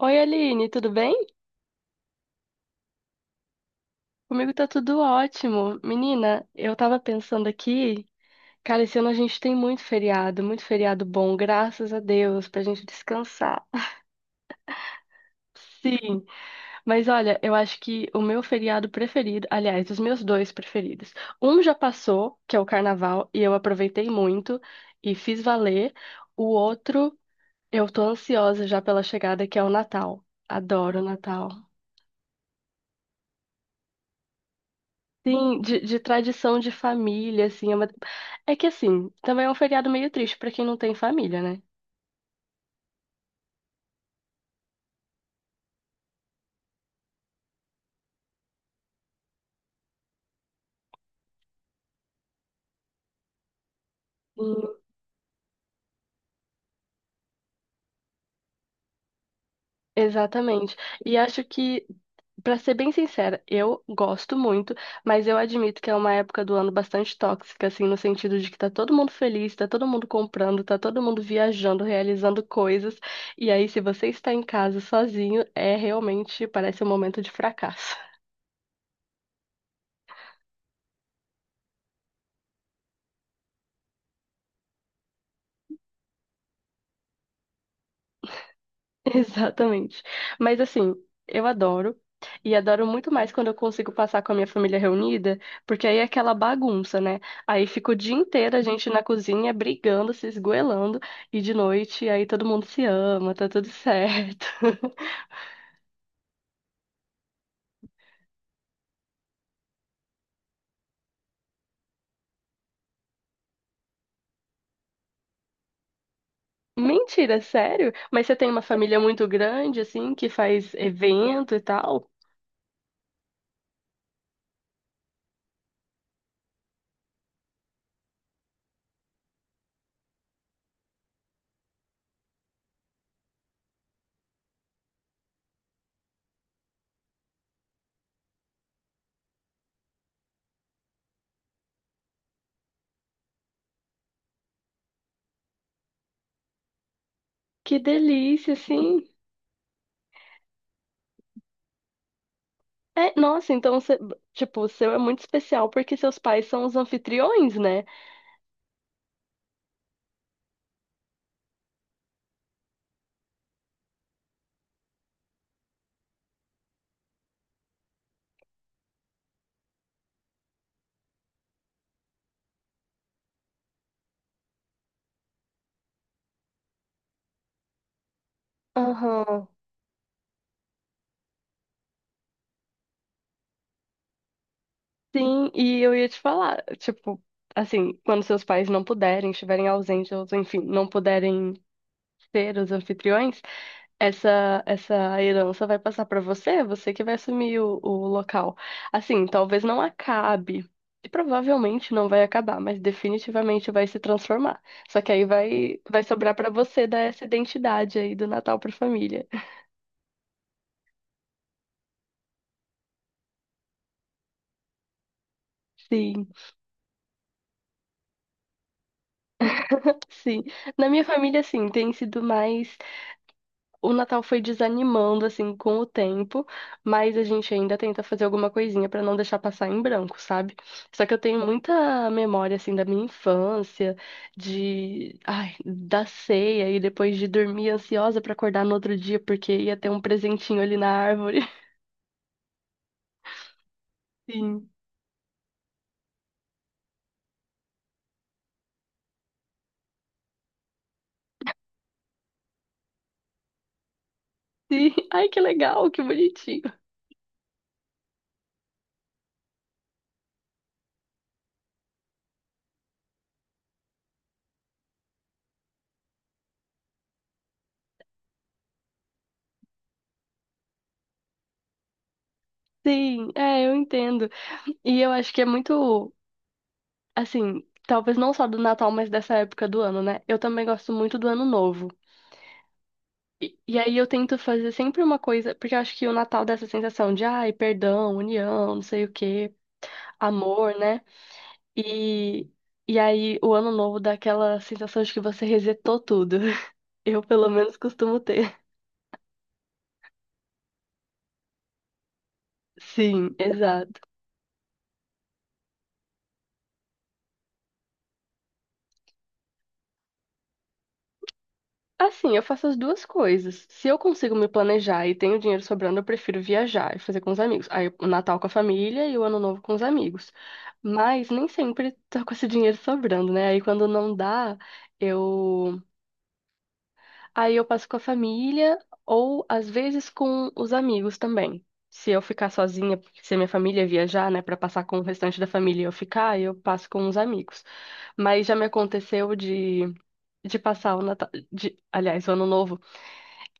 Oi, Aline, tudo bem? Comigo tá tudo ótimo. Menina, eu tava pensando aqui, cara, esse ano a gente tem muito feriado bom, graças a Deus, pra gente descansar. Sim, mas olha, eu acho que o meu feriado preferido, aliás, os meus dois preferidos. Um já passou, que é o carnaval, e eu aproveitei muito e fiz valer. O outro, eu tô ansiosa já pela chegada, que é o Natal. Adoro o Natal. Sim, de tradição de família, assim. É, uma... é que, assim, também é um feriado meio triste pra quem não tem família, né? Sim, exatamente. E acho que, pra ser bem sincera, eu gosto muito, mas eu admito que é uma época do ano bastante tóxica, assim, no sentido de que tá todo mundo feliz, tá todo mundo comprando, tá todo mundo viajando, realizando coisas. E aí, se você está em casa sozinho, é realmente, parece um momento de fracasso. Exatamente. Mas assim, eu adoro. E adoro muito mais quando eu consigo passar com a minha família reunida, porque aí é aquela bagunça, né? Aí fica o dia inteiro a gente na cozinha brigando, se esgoelando, e de noite aí todo mundo se ama, tá tudo certo. Mentira, sério? Mas você tem uma família muito grande, assim, que faz evento e tal? Que delícia, assim. É, nossa, então, você, tipo, o seu é muito especial porque seus pais são os anfitriões, né? Aham. Sim, e eu ia te falar, tipo, assim, quando seus pais não puderem, estiverem ausentes, ou enfim, não puderem ser os anfitriões, essa herança vai passar para você, você que vai assumir o local. Assim, talvez não acabe, e provavelmente não vai acabar, mas definitivamente vai se transformar. Só que aí vai sobrar para você dar essa identidade aí do Natal para família. Sim, sim. Na minha família, assim, tem sido mais o Natal foi desanimando assim com o tempo, mas a gente ainda tenta fazer alguma coisinha pra não deixar passar em branco, sabe? Só que eu tenho muita memória assim da minha infância, de ai, da ceia e depois de dormir ansiosa pra acordar no outro dia porque ia ter um presentinho ali na árvore. Sim. Sim. Ai, que legal, que bonitinho. Sim, é, eu entendo. E eu acho que é muito, assim, talvez não só do Natal, mas dessa época do ano, né? Eu também gosto muito do Ano Novo. E aí eu tento fazer sempre uma coisa, porque eu acho que o Natal dá essa sensação de, ai, perdão, união, não sei o quê, amor, né? E, e aí o Ano Novo dá aquela sensação de que você resetou tudo. Eu, pelo menos, costumo ter. Sim, exato. Assim, eu faço as duas coisas. Se eu consigo me planejar e tenho dinheiro sobrando, eu prefiro viajar e fazer com os amigos. Aí o Natal com a família e o Ano Novo com os amigos. Mas nem sempre tô com esse dinheiro sobrando, né? Aí quando não dá, eu aí eu passo com a família ou às vezes com os amigos também. Se eu ficar sozinha, porque se a minha família viajar, né, para passar com o restante da família e eu ficar, eu passo com os amigos. Mas já me aconteceu de passar o Natal, de, aliás, o Ano Novo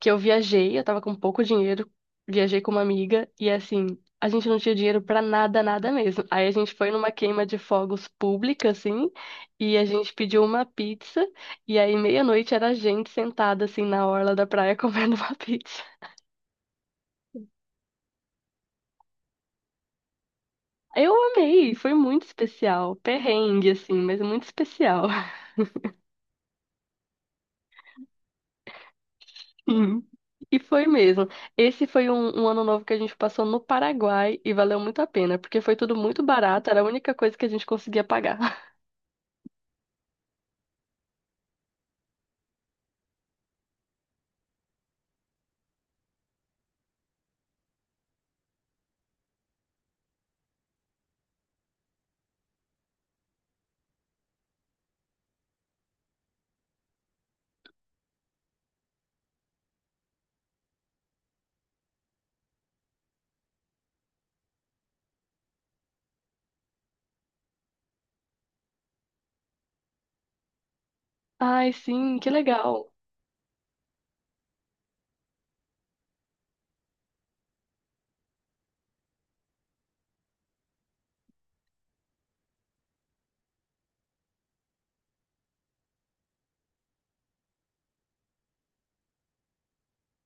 que eu viajei, eu tava com pouco dinheiro, viajei com uma amiga e assim, a gente não tinha dinheiro pra nada, nada mesmo. Aí a gente foi numa queima de fogos pública, assim, e a gente pediu uma pizza, e aí meia-noite era a gente sentada assim na orla da praia comendo uma pizza. Eu amei, foi muito especial, perrengue assim, mas muito especial. Sim. E foi mesmo. Esse foi um ano novo que a gente passou no Paraguai e valeu muito a pena, porque foi tudo muito barato, era a única coisa que a gente conseguia pagar. Ai, sim, que legal.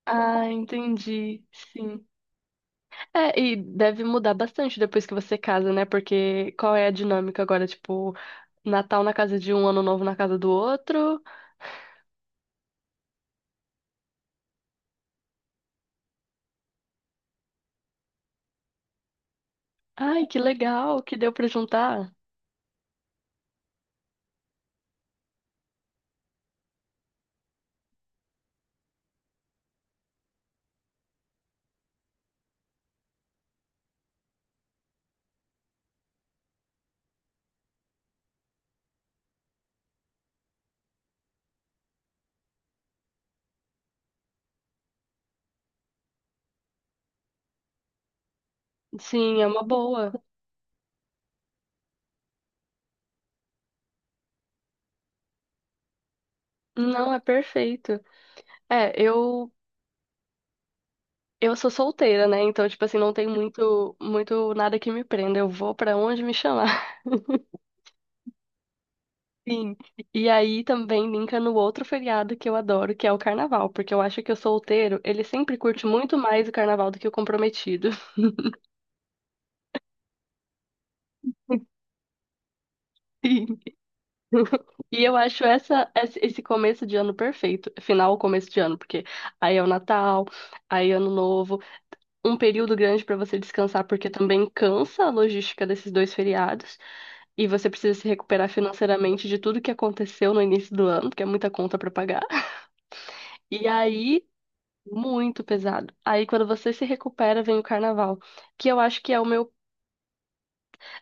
Ah, entendi. Sim. É, e deve mudar bastante depois que você casa, né? Porque qual é a dinâmica agora? Tipo, Natal na casa de um, Ano Novo na casa do outro. Ai, que legal que deu pra juntar. Sim, é uma boa. Não, é perfeito. É, eu sou solteira, né? Então, tipo assim, não tem muito muito nada que me prenda. Eu vou pra onde me chamar. Sim, e aí também linka no outro feriado que eu adoro, que é o carnaval, porque eu acho que o solteiro, ele sempre curte muito mais o carnaval do que o comprometido. Sim. E eu acho essa, esse começo de ano perfeito, final, ou começo de ano, porque aí é o Natal, aí é Ano Novo, um período grande para você descansar, porque também cansa a logística desses dois feriados, e você precisa se recuperar financeiramente de tudo que aconteceu no início do ano, porque é muita conta para pagar. E aí muito pesado. Aí quando você se recupera, vem o carnaval, que eu acho que é o meu,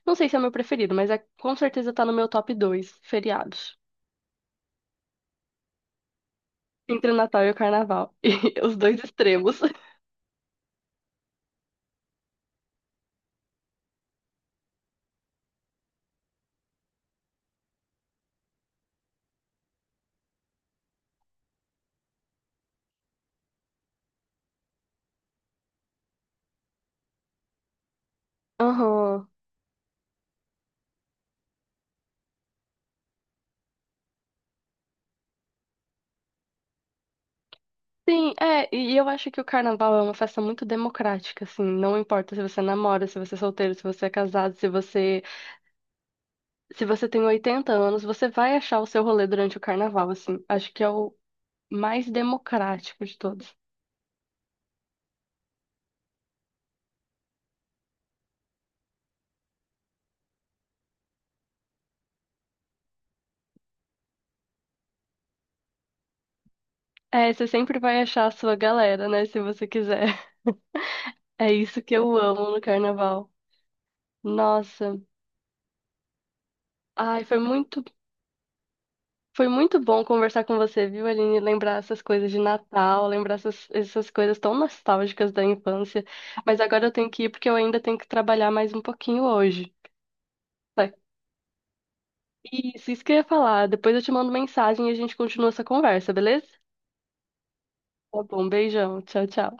não sei se é o meu preferido, mas é com certeza tá no meu top 2. Feriados. Entre o Natal e o carnaval. E os dois extremos. Aham. Sim, é, e eu acho que o carnaval é uma festa muito democrática, assim, não importa se você namora, se você é solteiro, se você é casado, se você, se você tem 80 anos, você vai achar o seu rolê durante o carnaval, assim. Acho que é o mais democrático de todos. É, você sempre vai achar a sua galera, né? Se você quiser. É isso que eu amo no carnaval. Nossa. Ai, foi muito bom conversar com você, viu, Aline? Lembrar essas coisas de Natal, lembrar essas, essas coisas tão nostálgicas da infância. Mas agora eu tenho que ir porque eu ainda tenho que trabalhar mais um pouquinho hoje. Tá? Isso que eu ia falar. Depois eu te mando mensagem e a gente continua essa conversa, beleza? Tá bom, beijão. Tchau, tchau.